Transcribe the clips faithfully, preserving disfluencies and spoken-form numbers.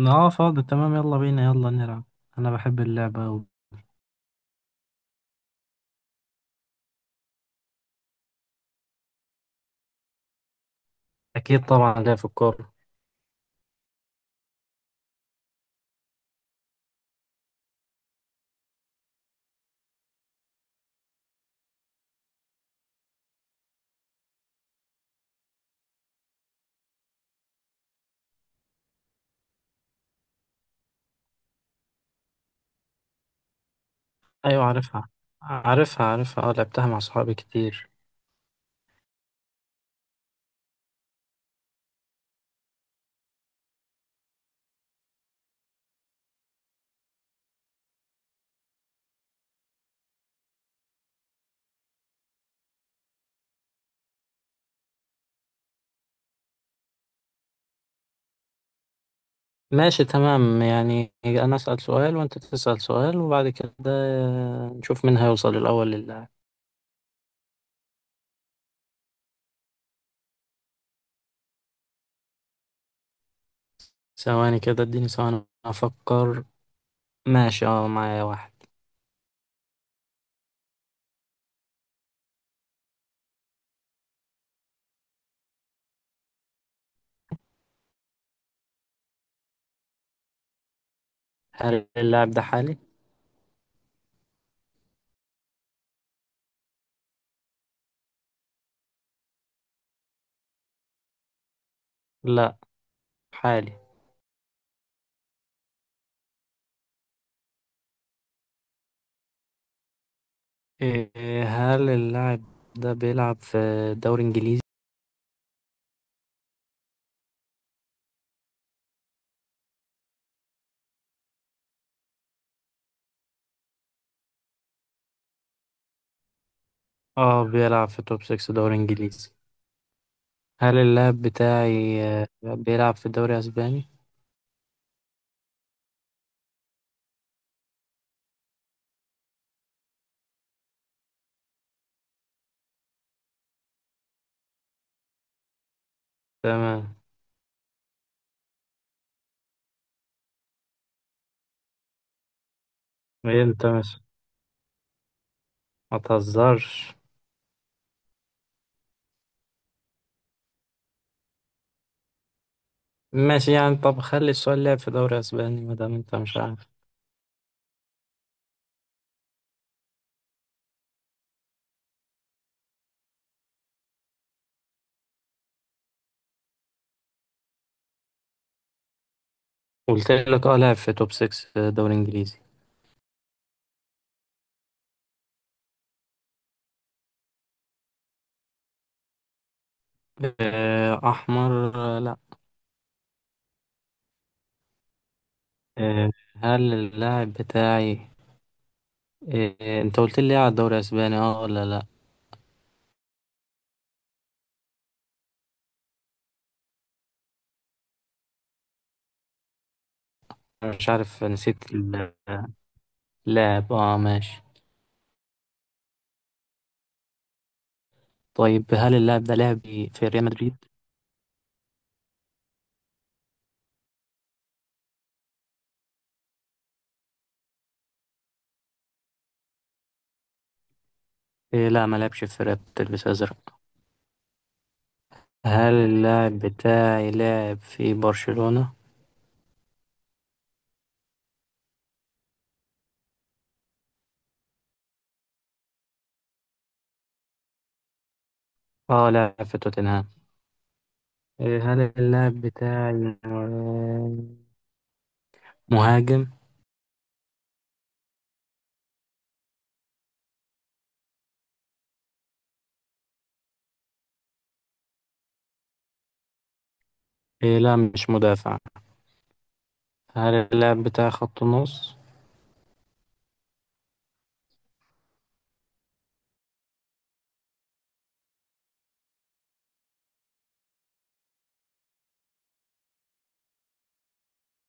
اه، فاضي تمام. يلا بينا يلا نلعب. انا بحب اللعبة أوي. اكيد طبعا لعب في الكورة. ايوه عارفها عارفها عارفها، اه لعبتها مع صحابي كتير. ماشي تمام، يعني انا اسأل سؤال وانت تسأل سؤال وبعد كده نشوف مين هيوصل الاول للاعب. ثواني كده اديني ثواني افكر. ماشي، اه معايا واحد. هل اللاعب ده حالي؟ لا، حالي. إيه، هل اللاعب ده بيلعب في دوري انجليزي؟ اه، بيلعب في توب ستة دوري انجليزي. هل اللاعب بتاعي آه، بيلعب في الدوري الأسباني؟ تمام. ايه انت مش ما تهزرش. ماشي يعني، طب خلي السؤال لعب في دوري اسباني ما دام انت مش عارف. قلت لك اه لعب في توب ستة في دوري انجليزي. آه، احمر، آه، لا. آه، هل اللاعب بتاعي آه، انت قلت لي على الدوري الاسباني، اه ولا لا؟ أنا مش عارف، نسيت ال- اللاعب، اه ماشي. طيب هل اللاعب ده لعب في ريال مدريد؟ آه، لا، ما لعبش في فرقة بتلبس ازرق. هل اللاعب بتاعي لاعب في برشلونة؟ اه، لاعب في توتنهام. إيه، هل اللاعب بتاعي آه، مهاجم؟ إيه، لا مش مدافع. هل اللاعب بتاعي خط نص؟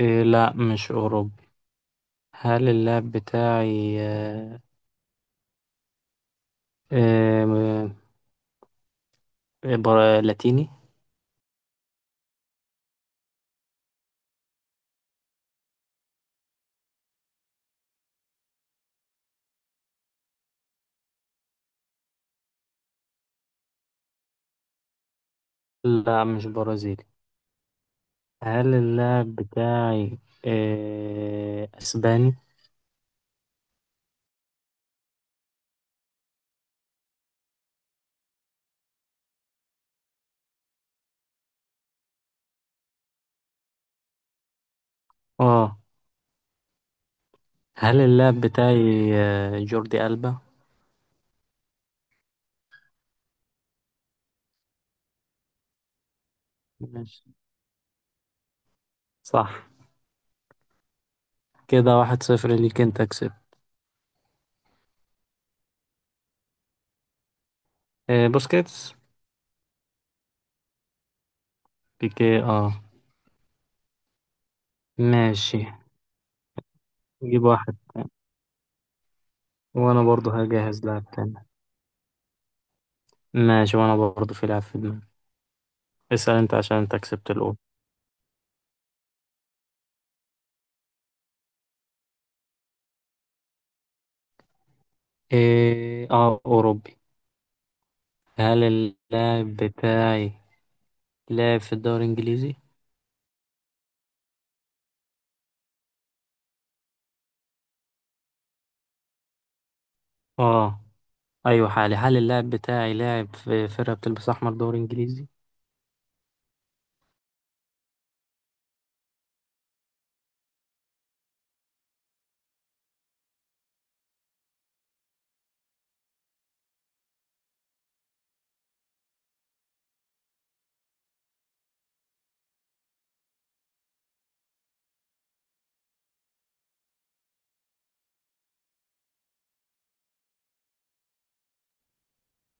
إيه، لا مش أوروبي. هل اللاعب بتاعي آه، آه، آه، برا- لاتيني؟ لا مش برازيلي. هل اللاعب بتاعي آه، أسباني؟ اه. هل اللاعب بتاعي آه، جوردي ألبا؟ ماشي، صح. كده واحد صفر ليك، انت كسبت. آه، بوسكيتس. بيكي، اه. ماشي، جيب واحد. وانا برضو هجهز لاعب تاني. ماشي، وانا برضو في لاعب في دماغي. اسأل انت عشان انت كسبت الاول. إيه، اه اوروبي. هل اللاعب بتاعي لاعب في الدوري الانجليزي؟ اه، ايوه حالي. هل اللاعب بتاعي لاعب في فرقة بتلبس احمر دوري انجليزي؟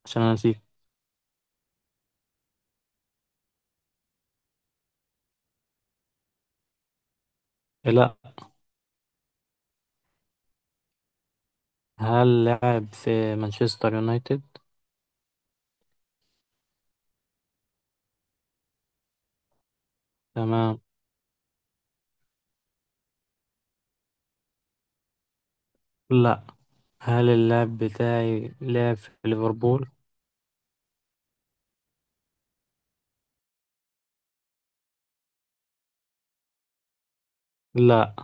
عشان انا نسيت. لا. هل لاعب في مانشستر يونايتد؟ تمام، لا. هل اللاعب بتاعي لعب في ليفربول؟ لا.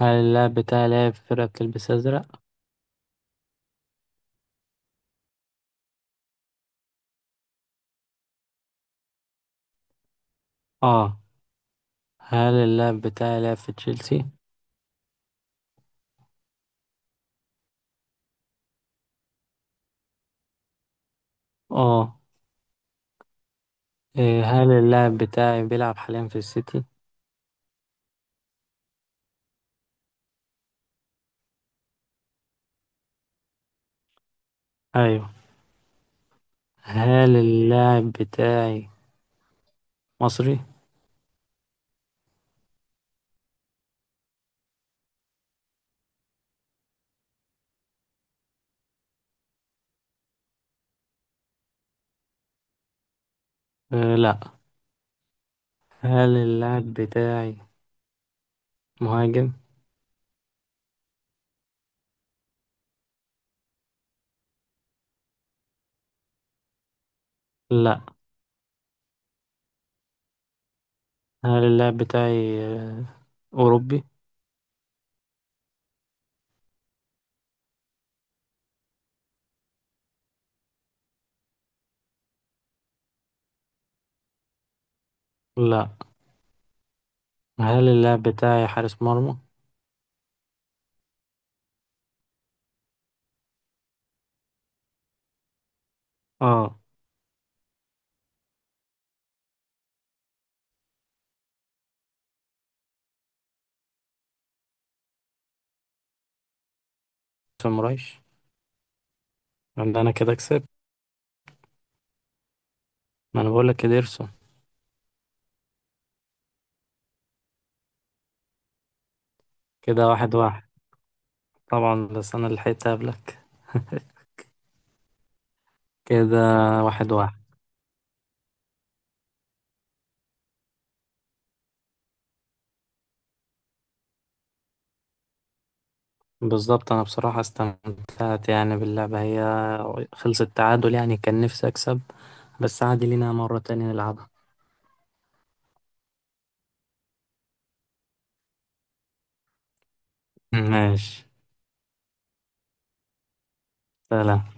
هل اللاعب بتاعي لعب في فرقة بتلبس أزرق؟ اه. هل اللاعب بتاعي لعب في تشيلسي؟ اه. إيه، هل اللاعب بتاعي بيلعب حاليا في السيتي؟ أيوه. هل اللاعب بتاعي مصري؟ آه لا. هل اللاعب بتاعي مهاجم؟ لا. هل اللاعب بتاعي آه أوروبي؟ لا. هل اللاعب بتاعي حارس مرمى؟ اه. سمرايش، يبقى أنا كده كسبت. ما انا بقولك، يا ديرسون. كده واحد واحد. طبعا بس انا اللي لحقت قبلك، كده واحد واحد. بالظبط، انا بصراحة استمتعت يعني باللعبة. هي خلصت تعادل، يعني كان نفسي اكسب بس عادي، لينا مرة تانية نلعبها. ماشي، سلام.